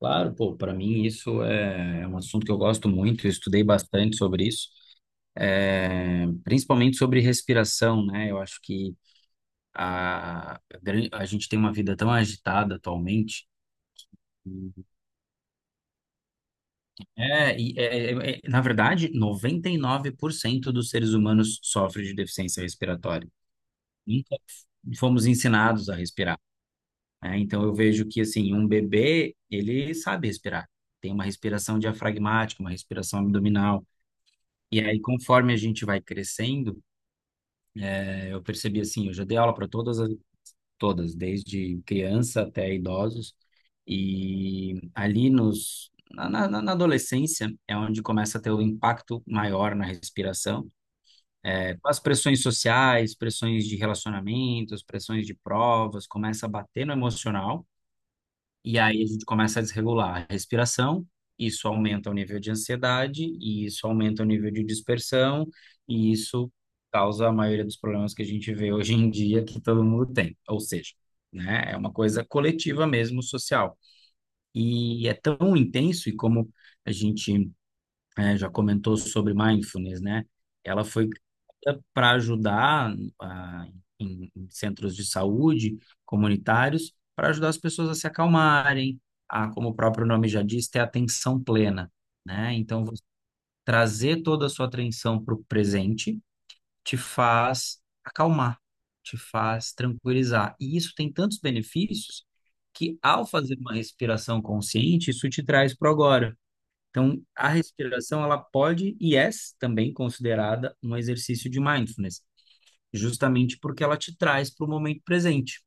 Claro, pô, para mim isso é um assunto que eu gosto muito, eu estudei bastante sobre isso, principalmente sobre respiração, né? Eu acho que a gente tem uma vida tão agitada atualmente. É, e é, Na verdade, 99% dos seres humanos sofrem de deficiência respiratória. Nunca fomos ensinados a respirar, né? Então eu vejo que assim, um bebê, ele sabe respirar. Tem uma respiração diafragmática, uma respiração abdominal. E aí, conforme a gente vai crescendo, eu percebi assim, eu já dei aula para todas, desde criança até idosos, e ali nos, na, na, na na adolescência é onde começa a ter o impacto maior na respiração, com as pressões sociais, pressões de relacionamentos, pressões de provas, começa a bater no emocional. E aí a gente começa a desregular a respiração, isso aumenta o nível de ansiedade, e isso aumenta o nível de dispersão, e isso causa a maioria dos problemas que a gente vê hoje em dia que todo mundo tem. Ou seja, né, é uma coisa coletiva mesmo, social. E é tão intenso, e como a gente já comentou sobre mindfulness, né? Ela foi para ajudar ah, em centros de saúde comunitários, para ajudar as pessoas a se acalmarem, a, como o próprio nome já diz, ter atenção plena, né? Então, você trazer toda a sua atenção para o presente te faz acalmar, te faz tranquilizar. E isso tem tantos benefícios que, ao fazer uma respiração consciente, isso te traz para o agora. Então, a respiração, ela pode e é também considerada um exercício de mindfulness, justamente porque ela te traz para o momento presente.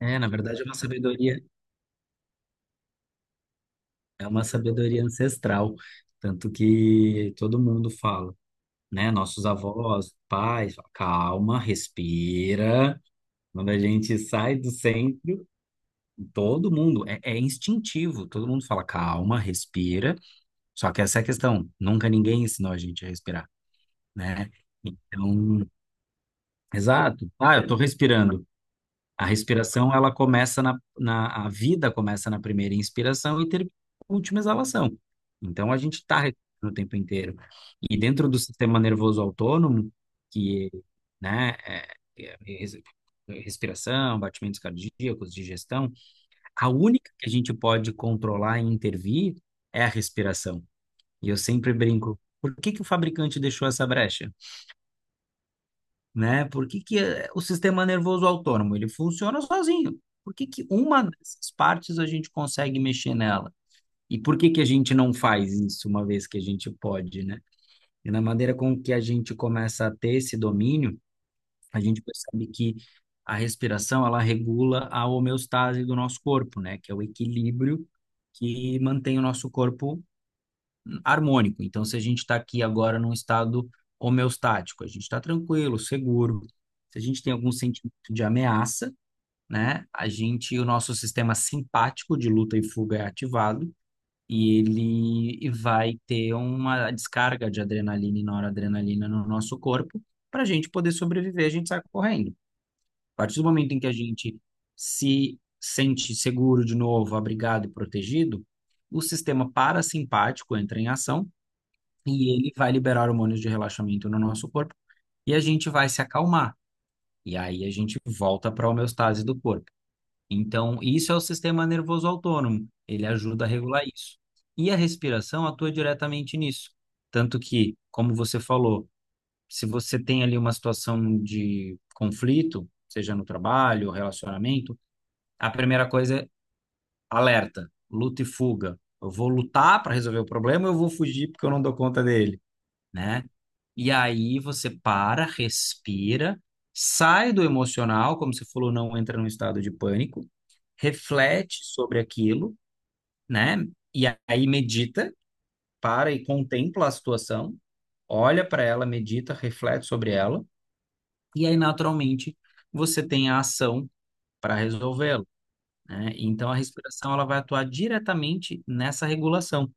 É, na verdade, é uma sabedoria ancestral, tanto que todo mundo fala, né? Nossos avós, pais, fala, calma, respira. Quando a gente sai do centro, todo mundo, é instintivo, todo mundo fala, calma, respira. Só que essa é a questão, nunca ninguém ensinou a gente a respirar, né? Então, exato. Ah, eu estou respirando. A respiração, ela a vida começa na primeira inspiração e termina na última exalação. Então, a gente está respirando o tempo inteiro. E dentro do sistema nervoso autônomo, que, né, é res- respiração, batimentos cardíacos, digestão, a única que a gente pode controlar e intervir é a respiração. E eu sempre brinco, por que que o fabricante deixou essa brecha? Né? Por que que o sistema nervoso autônomo, ele funciona sozinho? Por que que uma dessas partes a gente consegue mexer nela? E por que que a gente não faz isso uma vez que a gente pode, né? E na maneira com que a gente começa a ter esse domínio, a gente percebe que a respiração, ela regula a homeostase do nosso corpo, né? Que é o equilíbrio que mantém o nosso corpo harmônico. Então, se a gente está aqui agora num estado homeostático, a gente está tranquilo, seguro. Se a gente tem algum sentimento de ameaça, né? A gente, o nosso sistema simpático de luta e fuga é ativado e ele vai ter uma descarga de adrenalina e noradrenalina no nosso corpo para a gente poder sobreviver, a gente sai correndo. A partir do momento em que a gente se sente seguro de novo, abrigado e protegido, o sistema parasimpático entra em ação e ele vai liberar hormônios de relaxamento no nosso corpo e a gente vai se acalmar. E aí a gente volta para a homeostase do corpo. Então, isso é o sistema nervoso autônomo, ele ajuda a regular isso. E a respiração atua diretamente nisso. Tanto que, como você falou, se você tem ali uma situação de conflito, seja no trabalho ou relacionamento, a primeira coisa é alerta, luta e fuga. Eu vou lutar para resolver o problema, ou eu vou fugir porque eu não dou conta dele, né? E aí você para, respira, sai do emocional, como você falou, não entra num estado de pânico, reflete sobre aquilo, né? E aí medita, para e contempla a situação, olha para ela, medita, reflete sobre ela, e aí naturalmente você tem a ação para resolvê-lo, né? Então a respiração ela vai atuar diretamente nessa regulação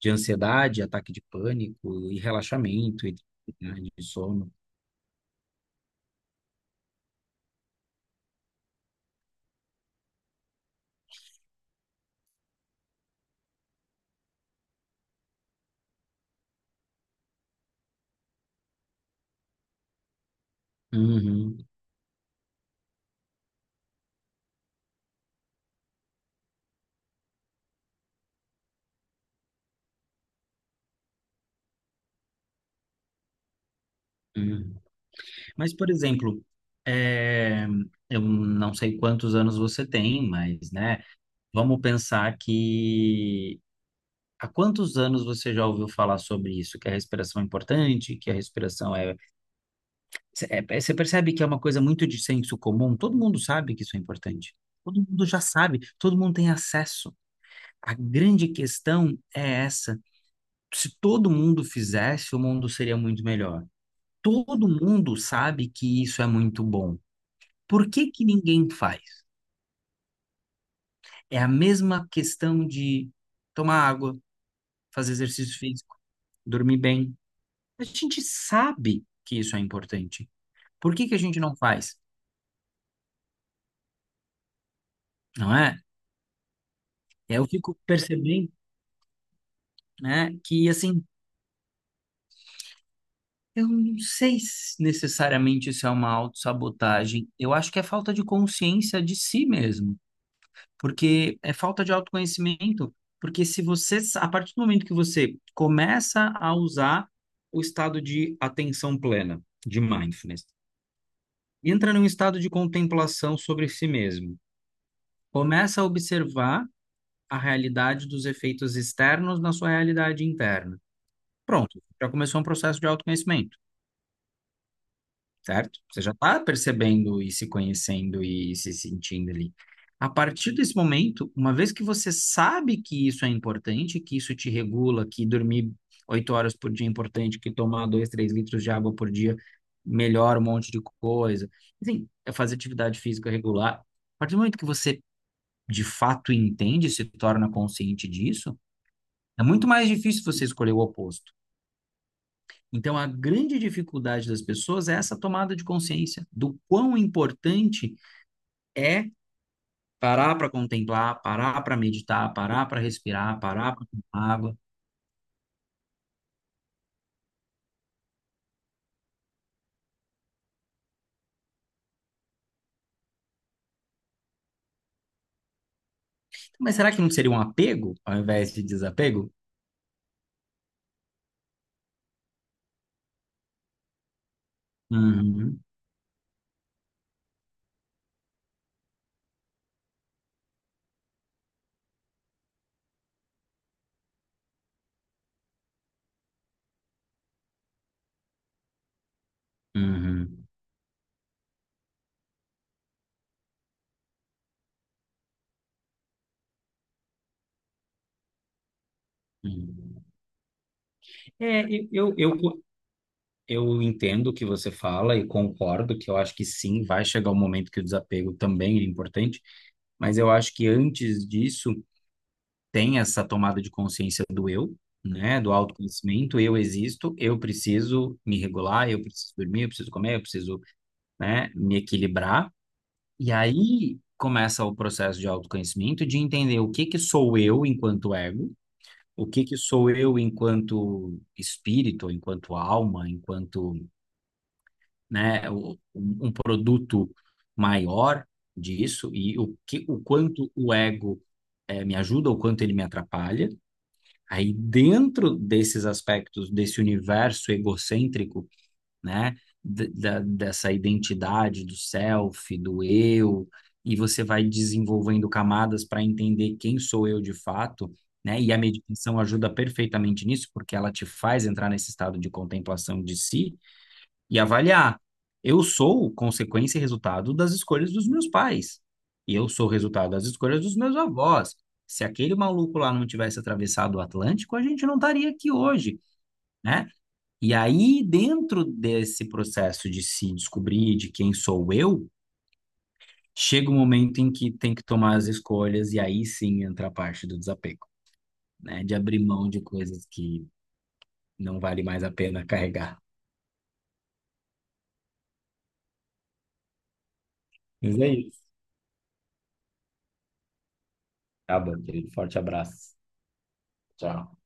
de ansiedade, ataque de pânico e relaxamento e dificuldade de sono. Uhum, uhum. Mas, por exemplo, é, eu não sei quantos anos você tem, mas, né, vamos pensar que há quantos anos você já ouviu falar sobre isso, que a respiração é importante, que a respiração é... Você percebe que é uma coisa muito de senso comum? Todo mundo sabe que isso é importante. Todo mundo já sabe, todo mundo tem acesso. A grande questão é essa. Se todo mundo fizesse, o mundo seria muito melhor. Todo mundo sabe que isso é muito bom. Por que que ninguém faz? É a mesma questão de tomar água, fazer exercício físico, dormir bem. A gente sabe que isso é importante. Por que que a gente não faz? Não é? Eu fico percebendo, né, que assim, eu não sei se necessariamente isso é uma autossabotagem. Eu acho que é falta de consciência de si mesmo, porque é falta de autoconhecimento, porque se você, a partir do momento que você começa a usar o estado de atenção plena, de mindfulness, entra num estado de contemplação sobre si mesmo, começa a observar a realidade dos efeitos externos na sua realidade interna. Pronto, já começou um processo de autoconhecimento. Certo? Você já está percebendo e se conhecendo e se sentindo ali. A partir desse momento, uma vez que você sabe que isso é importante, que isso te regula, que dormir 8 horas por dia é importante, que tomar 2, 3 litros de água por dia melhora um monte de coisa, enfim, é fazer atividade física regular. A partir do momento que você de fato entende, se torna consciente disso, é muito mais difícil você escolher o oposto. Então, a grande dificuldade das pessoas é essa tomada de consciência do quão importante é parar para contemplar, parar para meditar, parar para respirar, parar para tomar água. Mas será que não seria um apego ao invés de desapego? Uhum, uhum, uhum. É, eu, eu, eu, eu entendo o que você fala e concordo que eu acho que sim, vai chegar o momento que o desapego também é importante, mas eu acho que antes disso tem essa tomada de consciência do eu, né, do autoconhecimento, eu existo, eu preciso me regular, eu preciso dormir, eu preciso comer, eu preciso, né, me equilibrar. E aí começa o processo de autoconhecimento, de entender o que que sou eu enquanto ego, o que que sou eu enquanto espírito, enquanto alma, enquanto, né, um produto maior disso e o que, o quanto o ego me ajuda, o quanto ele me atrapalha. Aí, dentro desses aspectos, desse universo egocêntrico, né, dessa identidade do self, do eu, e você vai desenvolvendo camadas para entender quem sou eu de fato, né, e a meditação ajuda perfeitamente nisso, porque ela te faz entrar nesse estado de contemplação de si, e avaliar. Eu sou consequência e resultado das escolhas dos meus pais. E eu sou resultado das escolhas dos meus avós. Se aquele maluco lá não tivesse atravessado o Atlântico, a gente não estaria aqui hoje, né? E aí, dentro desse processo de se descobrir de quem sou eu, chega um momento em que tem que tomar as escolhas e aí sim entra a parte do desapego, né? De abrir mão de coisas que não vale mais a pena carregar. Mas é isso. Tá bom, querido. Forte abraço. Tchau.